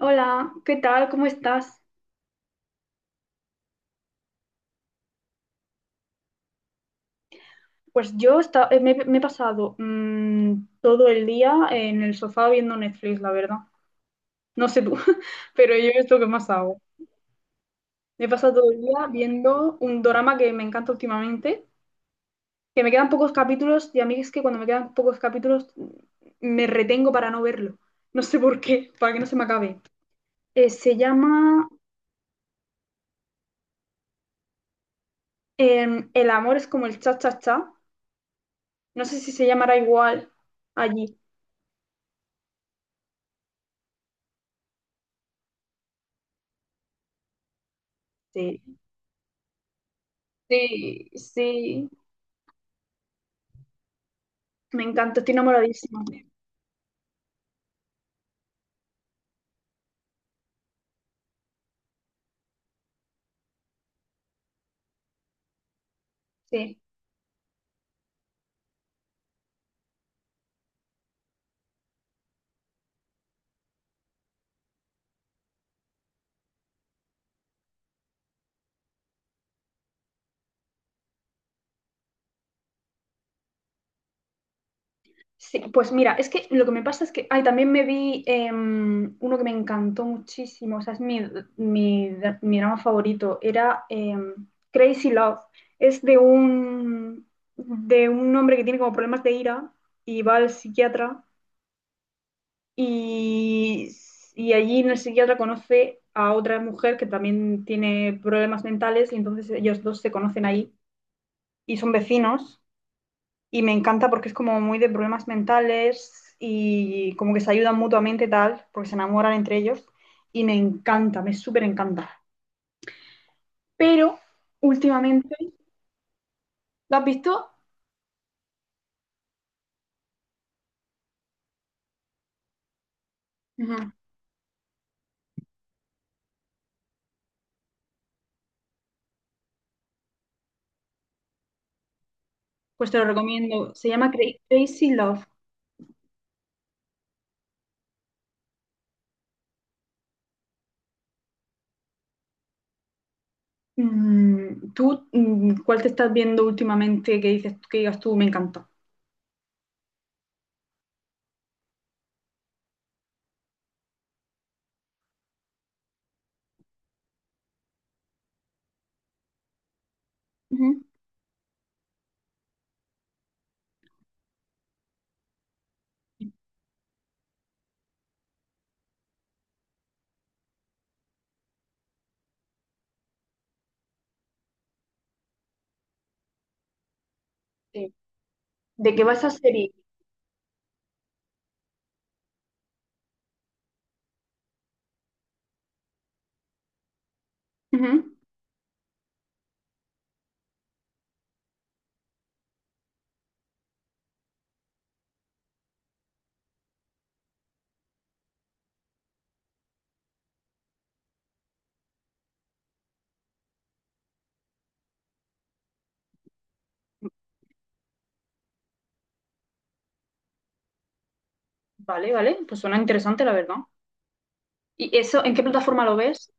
Hola, ¿qué tal? ¿Cómo estás? Pues me he pasado todo el día en el sofá viendo Netflix, la verdad. No sé tú, pero yo es lo que más hago. Me he pasado todo el día viendo un drama que me encanta últimamente, que me quedan pocos capítulos, y a mí es que cuando me quedan pocos capítulos me retengo para no verlo. No sé por qué, para que no se me acabe. Se llama El amor es como el cha-cha-cha. No sé si se llamará igual allí. Sí, sí, me encanta, estoy enamoradísima. Sí, sí, pues mira, es que lo que me pasa es que, ay, también me vi uno que me encantó muchísimo, o sea, es mi, mi drama favorito, era Crazy Love, es de un hombre que tiene como problemas de ira y va al psiquiatra y, y allí en el psiquiatra conoce a otra mujer que también tiene problemas mentales, y entonces ellos dos se conocen ahí y son vecinos. Y me encanta porque es como muy de problemas mentales y como que se ayudan mutuamente tal, porque se enamoran entre ellos, y me encanta, me súper encanta. Pero últimamente, ¿lo has visto? Ujú. Pues te lo recomiendo. Se llama Crazy Love. Mm, ¿tú cuál te estás viendo últimamente que dices que digas tú me encanta? Ujú. Sí. ¿De qué va esa serie? Ujú. Vale, vale, pues suena interesante la verdad. ¿Y eso en qué plataforma lo ves?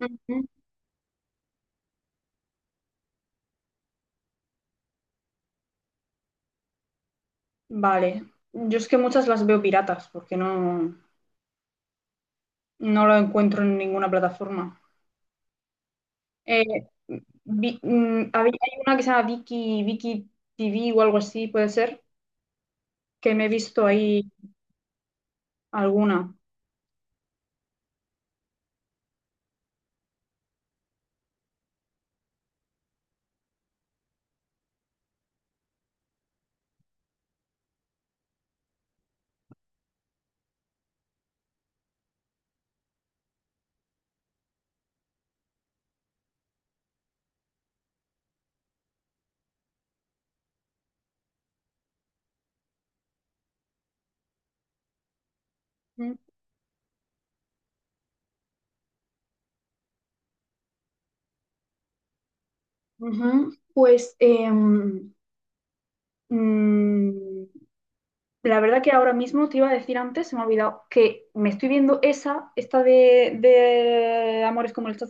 Ujú. Vale. Yo es que muchas las veo piratas porque no lo encuentro en ninguna plataforma. Eh, hay una que se llama Vicky, Vicky TV o algo así, puede ser, que me he visto ahí alguna. Mm, ujú. Pues mm, la verdad que ahora mismo te iba a decir antes, se me ha olvidado, que me estoy viendo esa, esta de Amores como el cha,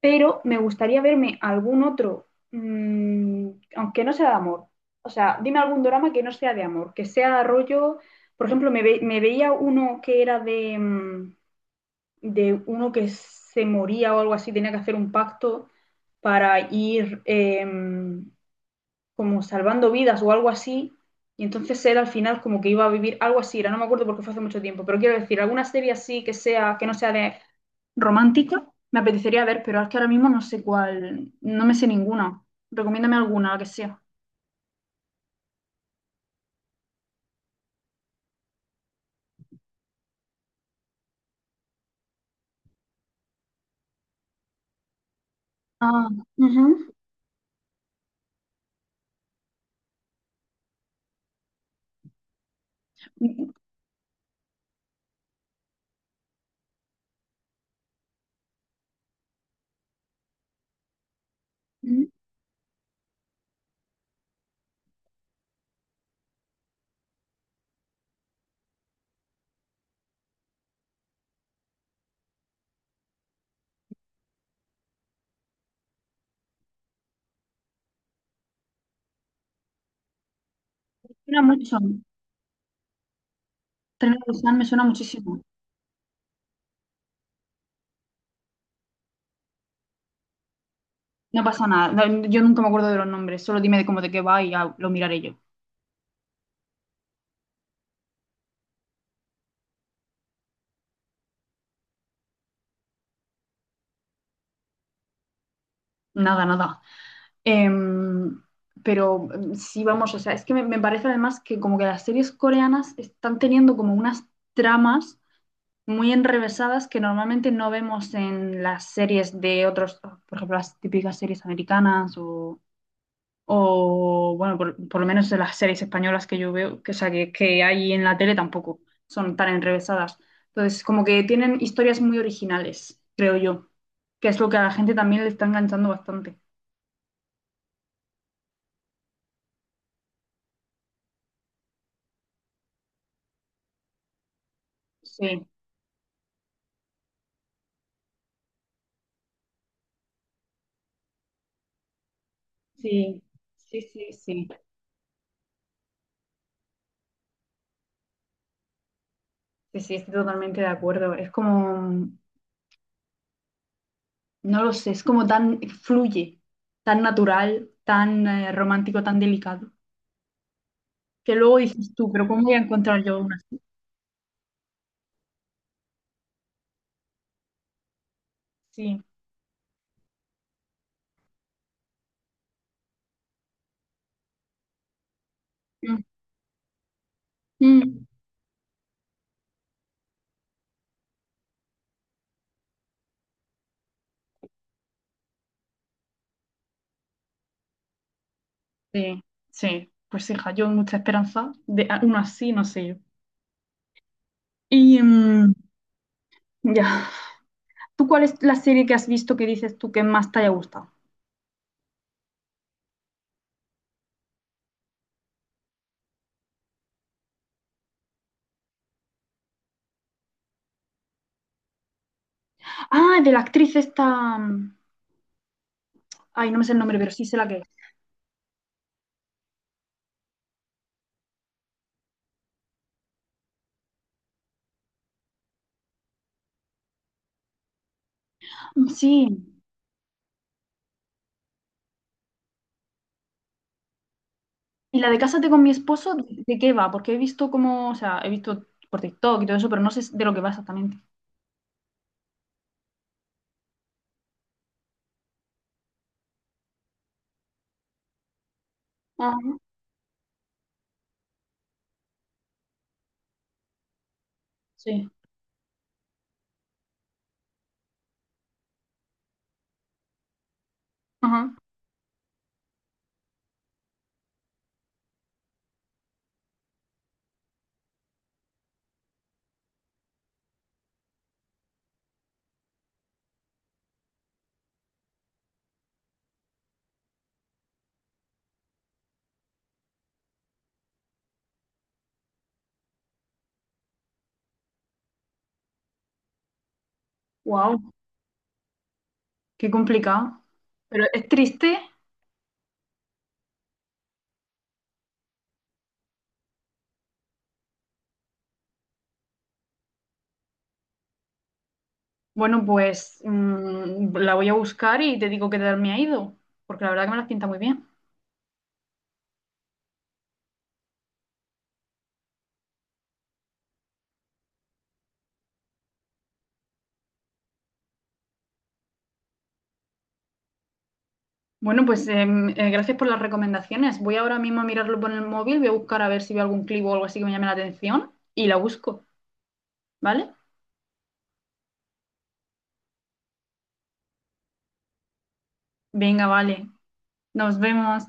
pero me gustaría verme algún otro, mm, aunque no sea de amor. O sea, dime algún drama que no sea de amor, que sea rollo. Por ejemplo, me veía uno que era de uno que se moría o algo así, tenía que hacer un pacto para ir, como salvando vidas o algo así. Y entonces él al final como que iba a vivir algo así, era, no me acuerdo porque fue hace mucho tiempo, pero quiero decir, alguna serie así que sea, que no sea de romántica, me apetecería ver, pero es que ahora mismo no sé cuál, no me sé ninguna. Recomiéndame alguna, la que sea. Ah, ujú. Me suena mucho. Tren a Busan me suena muchísimo. No pasa nada. No, yo nunca me acuerdo de los nombres. Solo dime de cómo de qué va y ya lo miraré yo. Nada, nada. Em, pero sí, vamos, o sea, es que me parece además que como que las series coreanas están teniendo como unas tramas muy enrevesadas que normalmente no vemos en las series de otros, por ejemplo, las típicas series americanas o bueno, por lo menos en las series españolas que yo veo, que, o sea, que hay en la tele tampoco son tan enrevesadas. Entonces, como que tienen historias muy originales, creo yo, que es lo que a la gente también le está enganchando bastante. Sí. Sí, sí, sí, sí, sí, estoy totalmente de acuerdo. Es como, no lo sé, es como tan, fluye, tan natural, tan romántico, tan delicado, que luego dices tú, pero ¿cómo voy a encontrar yo una así? Sí, Mm, mm. sí, sí, pues hija, yo mucha esperanza de una así, no sé yo. Y ya, ¿tú cuál es la serie que has visto que dices tú que más te haya gustado? Ah, de la actriz esta, ay, no me sé el nombre, pero sí sé la que es. Mm, sí. Y la de Cásate con mi esposo, ¿de qué va? Porque he visto como, o sea, he visto por TikTok y todo eso, pero no sé de lo que va exactamente. Ajá, sí. Ajá. Wow, qué complicado. Pero es triste. Bueno, pues la voy a buscar y te digo qué tal me ha ido, porque la verdad que me las pinta muy bien. Bueno, pues gracias por las recomendaciones. Voy ahora mismo a mirarlo por el móvil, voy a buscar a ver si veo algún clip o algo así que me llame la atención y la busco, ¿vale? Venga, vale. Nos vemos.